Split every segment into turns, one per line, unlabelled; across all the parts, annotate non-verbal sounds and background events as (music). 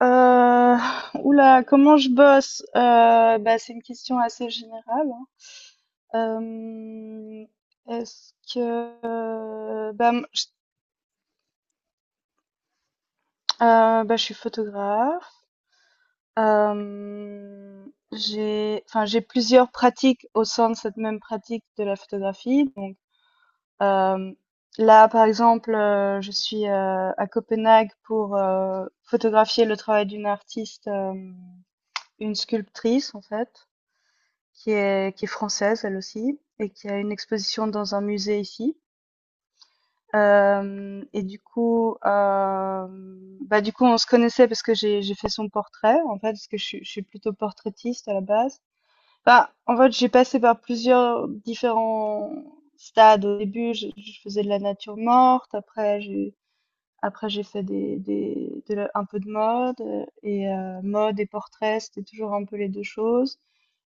Heu, ouh comment je bosse? C'est une question assez générale, hein. Hem, est-ce que, bah, mmh, j bah, Je suis photographe. J'ai plusieurs pratiques au sein de cette même pratique de la photographie. Donc, euh, là, par exemple, je suis, à Copenhague pour, photographier le travail d'une artiste, une sculptrice, en fait. Qui est française elle aussi et qui a une exposition dans un musée ici. Et du coup, bah du coup, on se connaissait parce que j'ai fait son portrait en fait, parce que je suis plutôt portraitiste à la base. Bah, en fait, j'ai passé par plusieurs différents stades. Au début, je faisais de la nature morte. Après, j'ai fait un peu de mode et mode et portrait, c'était toujours un peu les deux choses.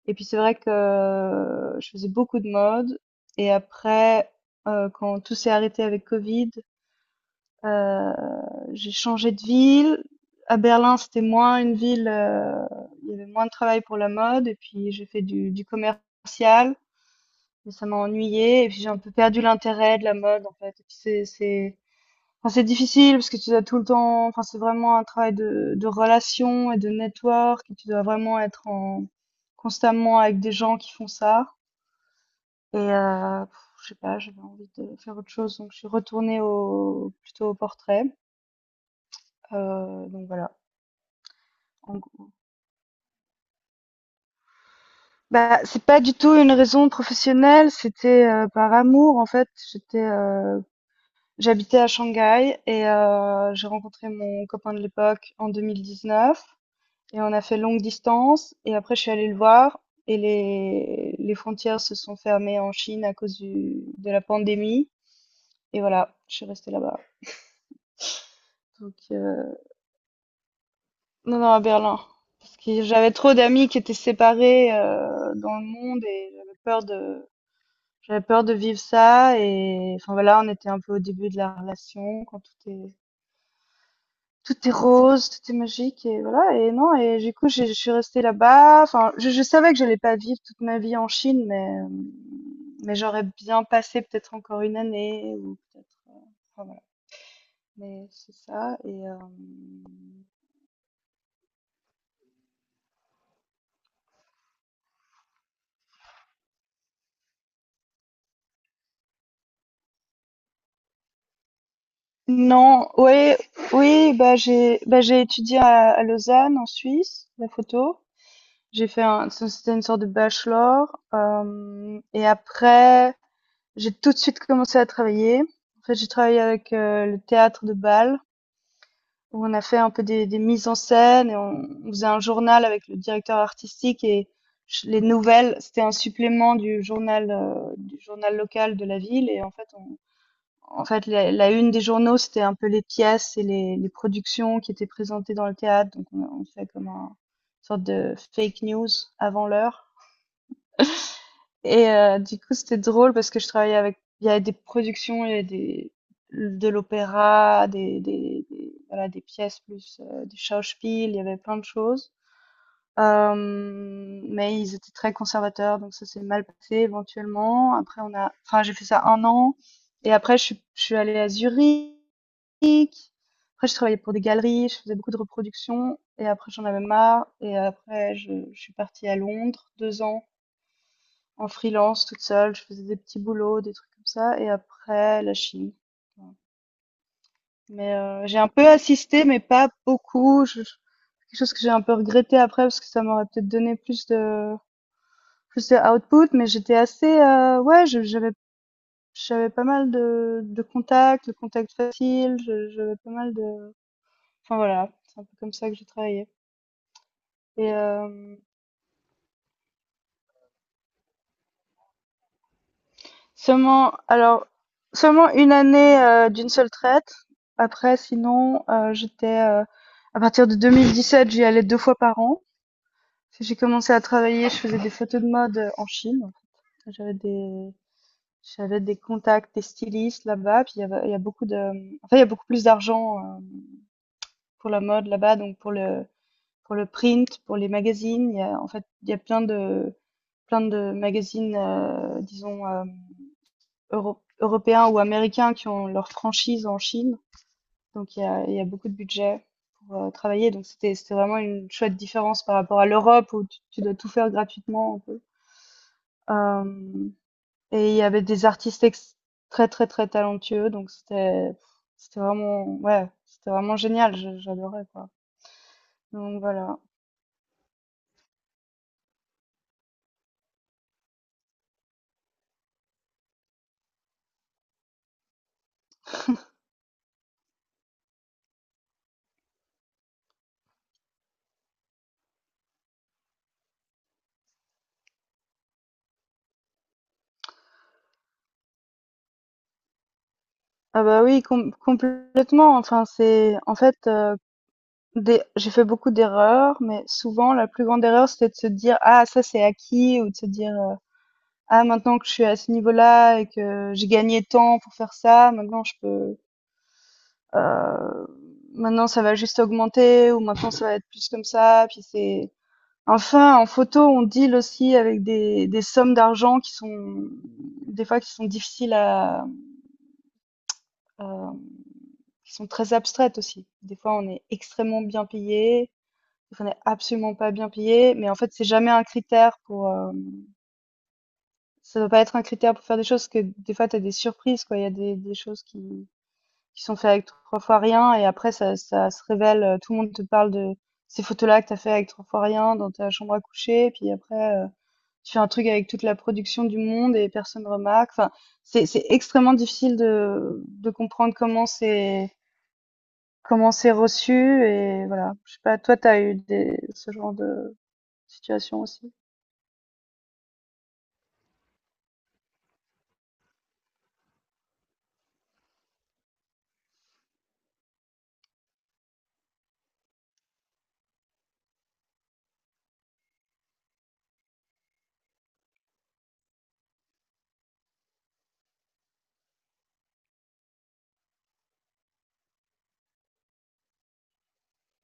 Et puis c'est vrai que je faisais beaucoup de mode. Et après, quand tout s'est arrêté avec Covid, euh, j'ai changé de ville. À Berlin, c'était moins une ville, il y avait moins de travail pour la mode. Et puis j'ai fait du commercial, mais ça m'a ennuyé. Et puis j'ai un peu perdu l'intérêt de la mode, en fait. Et puis enfin, c'est difficile parce que tu dois tout le temps, enfin, c'est vraiment un travail de relation et de network et tu dois vraiment être en, constamment avec des gens qui font ça. Et, je sais pas, j'avais envie de faire autre chose, donc je suis plutôt au portrait. Donc voilà. En gros. Bah, c'est pas du tout une raison professionnelle, c'était par amour en fait. J'étais, j'habitais à Shanghai et j'ai rencontré mon copain de l'époque en 2019. Et on a fait longue distance. Et après, je suis allée le voir. Et les frontières se sont fermées en Chine à cause de la pandémie. Et voilà, je suis restée là-bas. Donc, euh, non, non, à Berlin. Parce que j'avais trop d'amis qui étaient séparés dans le monde et j'avais peur de vivre ça. Et enfin voilà, on était un peu au début de la relation quand tout est rose, tout est magique et voilà et non et du coup je suis restée là-bas. Enfin, je savais que j'allais pas vivre toute ma vie en Chine, mais j'aurais bien passé peut-être encore une année ou peut-être. Enfin, voilà. Mais c'est ça et non, oui. Oui, bah j'ai étudié à Lausanne en Suisse la photo. J'ai fait un, c'était une sorte de bachelor et après. J'ai tout de suite commencé à travailler. En fait, j'ai travaillé avec le théâtre de Bâle, où on a fait un peu des mises en scène et on faisait un journal avec le directeur artistique et les nouvelles, c'était un supplément du journal local de la ville. Et en fait, la une des journaux, c'était un peu les pièces et les productions qui étaient présentées dans le théâtre. Donc, on fait comme un une sorte de fake news avant l'heure. Et du coup, c'était drôle parce que je travaillais avec il y avait des productions, il y avait des de l'opéra, des voilà, des pièces plus, du Schauspiel, il y avait plein de choses. Mais ils étaient très conservateurs, donc ça s'est mal passé éventuellement. Après on a enfin, j'ai fait ça un an et après je suis allée à Zurich. Après, je travaillais pour des galeries, je faisais beaucoup de reproductions et après j'en avais marre et après je suis partie à Londres 2 ans. En freelance, toute seule, je faisais des petits boulots, des trucs comme ça, et après la chimie. Voilà. Mais j'ai un peu assisté, mais pas beaucoup. Quelque chose que j'ai un peu regretté après parce que ça m'aurait peut-être donné plus de output, mais j'étais assez j'avais pas mal de contacts, j'avais pas mal de enfin voilà, c'est un peu comme ça que j'ai travaillé. Et seulement, alors, seulement une année d'une seule traite. Après, sinon, j'étais, à partir de 2017, j'y allais deux fois par an. Parce que j'ai commencé à travailler, je faisais des photos de mode en Chine. En fait. J'avais des contacts, des stylistes là-bas. Puis il y a beaucoup de, enfin, il y a beaucoup plus d'argent pour la mode là-bas, donc pour le print, pour les magazines. Il y a plein de magazines, disons. Euro européens ou américains qui ont leur franchise en Chine. Donc il y a beaucoup de budget pour travailler. Donc c'était vraiment une chouette différence par rapport à l'Europe où tu dois tout faire gratuitement un peu. Euh, et il y avait des très très très talentueux Donc c'était vraiment ouais c'était vraiment génial. J'adorais quoi. Donc voilà. Ah bah oui, complètement. Enfin c'est en fait Des j'ai fait beaucoup d'erreurs, mais souvent la plus grande erreur, c'était de se dire: «Ah ça c'est acquis» ou de se dire, «Ah maintenant que je suis à ce niveau-là et que j'ai gagné tant pour faire ça, maintenant je peux, heu, maintenant ça va juste augmenter» ou «Maintenant ça va être plus comme ça» puis c'est enfin en photo, on deal aussi avec des sommes d'argent qui sont des fois qui sont difficiles à, hem, qui sont très abstraites aussi. Des fois, on est extrêmement bien payé. Donc, on n'est absolument pas bien payé, mais en fait, c'est jamais un critère pour. Ça doit pas être un critère pour faire des choses, parce que des fois, tu as des surprises, quoi. Il y a des choses qui sont faites avec trois fois rien, et après, ça se révèle. Tout le monde te parle de ces photos-là que tu as fait avec trois fois rien dans ta chambre à coucher, et puis après, tu fais un truc avec toute la production du monde et personne remarque. Enfin, c'est extrêmement difficile de comprendre comment c'est. Comment c'est reçu et voilà. Je sais pas, toi, t'as eu des, ce genre de situation aussi?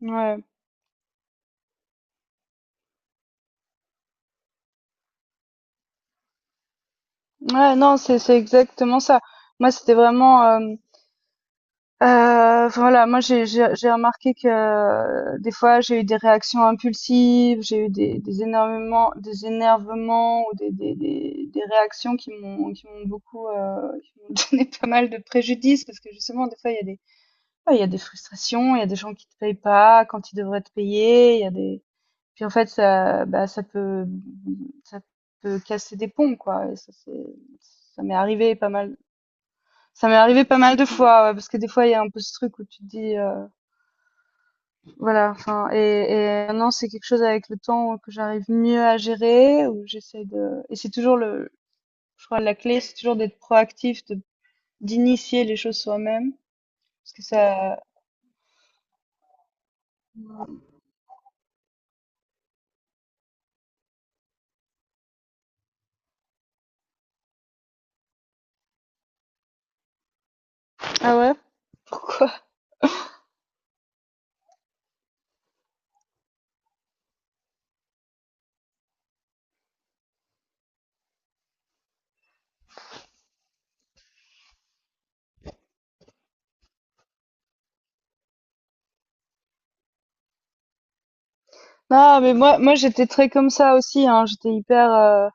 Ouais, ouais, non, c'est exactement ça. Moi, c'était vraiment, voilà, moi j'ai remarqué que des fois j'ai eu des réactions impulsives, j'ai eu des énormément des énervements ou des réactions qui m'ont beaucoup qui m'ont (laughs) donné pas mal de préjudice parce que justement des fois il y a des. Ouais, il y a des frustrations, il y a des gens qui te payent pas quand ils devraient te payer, il y a des puis en fait ça ça peut casser des ponts quoi et ça c'est ça m'est arrivé pas mal. Ça m'est arrivé pas mal de fois ouais, parce que des fois il y a un peu ce truc où tu te dis voilà enfin et maintenant c'est quelque chose avec le temps que j'arrive mieux à gérer où j'essaie de et c'est toujours le je crois la clé c'est toujours d'être proactif de d'initier les choses soi-même parce que ça ah ouais pourquoi. Non, mais moi j'étais très comme ça aussi, hein. J'étais hyper.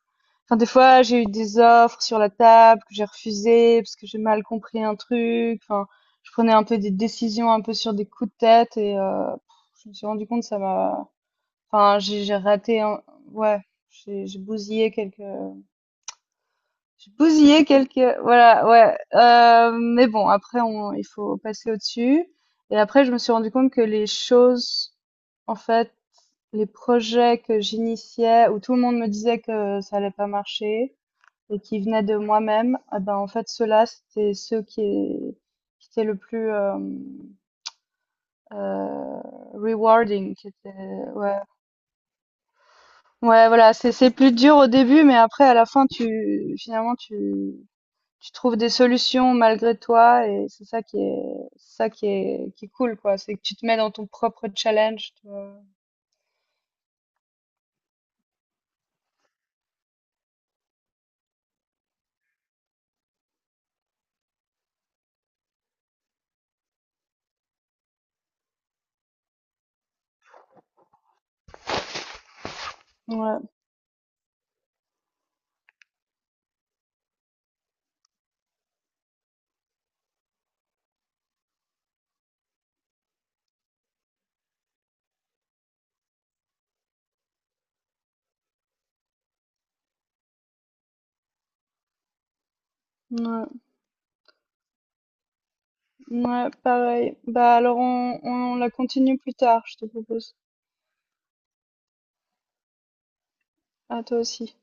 Enfin, des fois, j'ai eu des offres sur la table que j'ai refusées parce que j'ai mal compris un truc. Enfin, je prenais un peu des décisions un peu sur des coups de tête et je me suis rendu compte que ça m'a. Enfin, j'ai raté. Ouais, j'ai bousillé quelques je bousillais quelques voilà, ouais, mais bon, après on il faut passer au-dessus et après je me suis rendu compte que les choses en fait, les projets que j'initiais où tout le monde me disait que ça allait pas marcher et qui venaient de moi-même, ah ben, en fait ceux-là, c'était ceux qui étaient le plus, heu, rewarding qui étaient. Ouais, ouais, voilà, c'est plus dur au début mais après à la fin tu finalement tu tu trouves des solutions malgré toi et c'est ça qui est cool quoi, c'est que tu te mets dans ton propre challenge, tu vois. Ouais, ouais, ouais, pareil. Bah alors on la continue plus tard, je te propose. À toi aussi.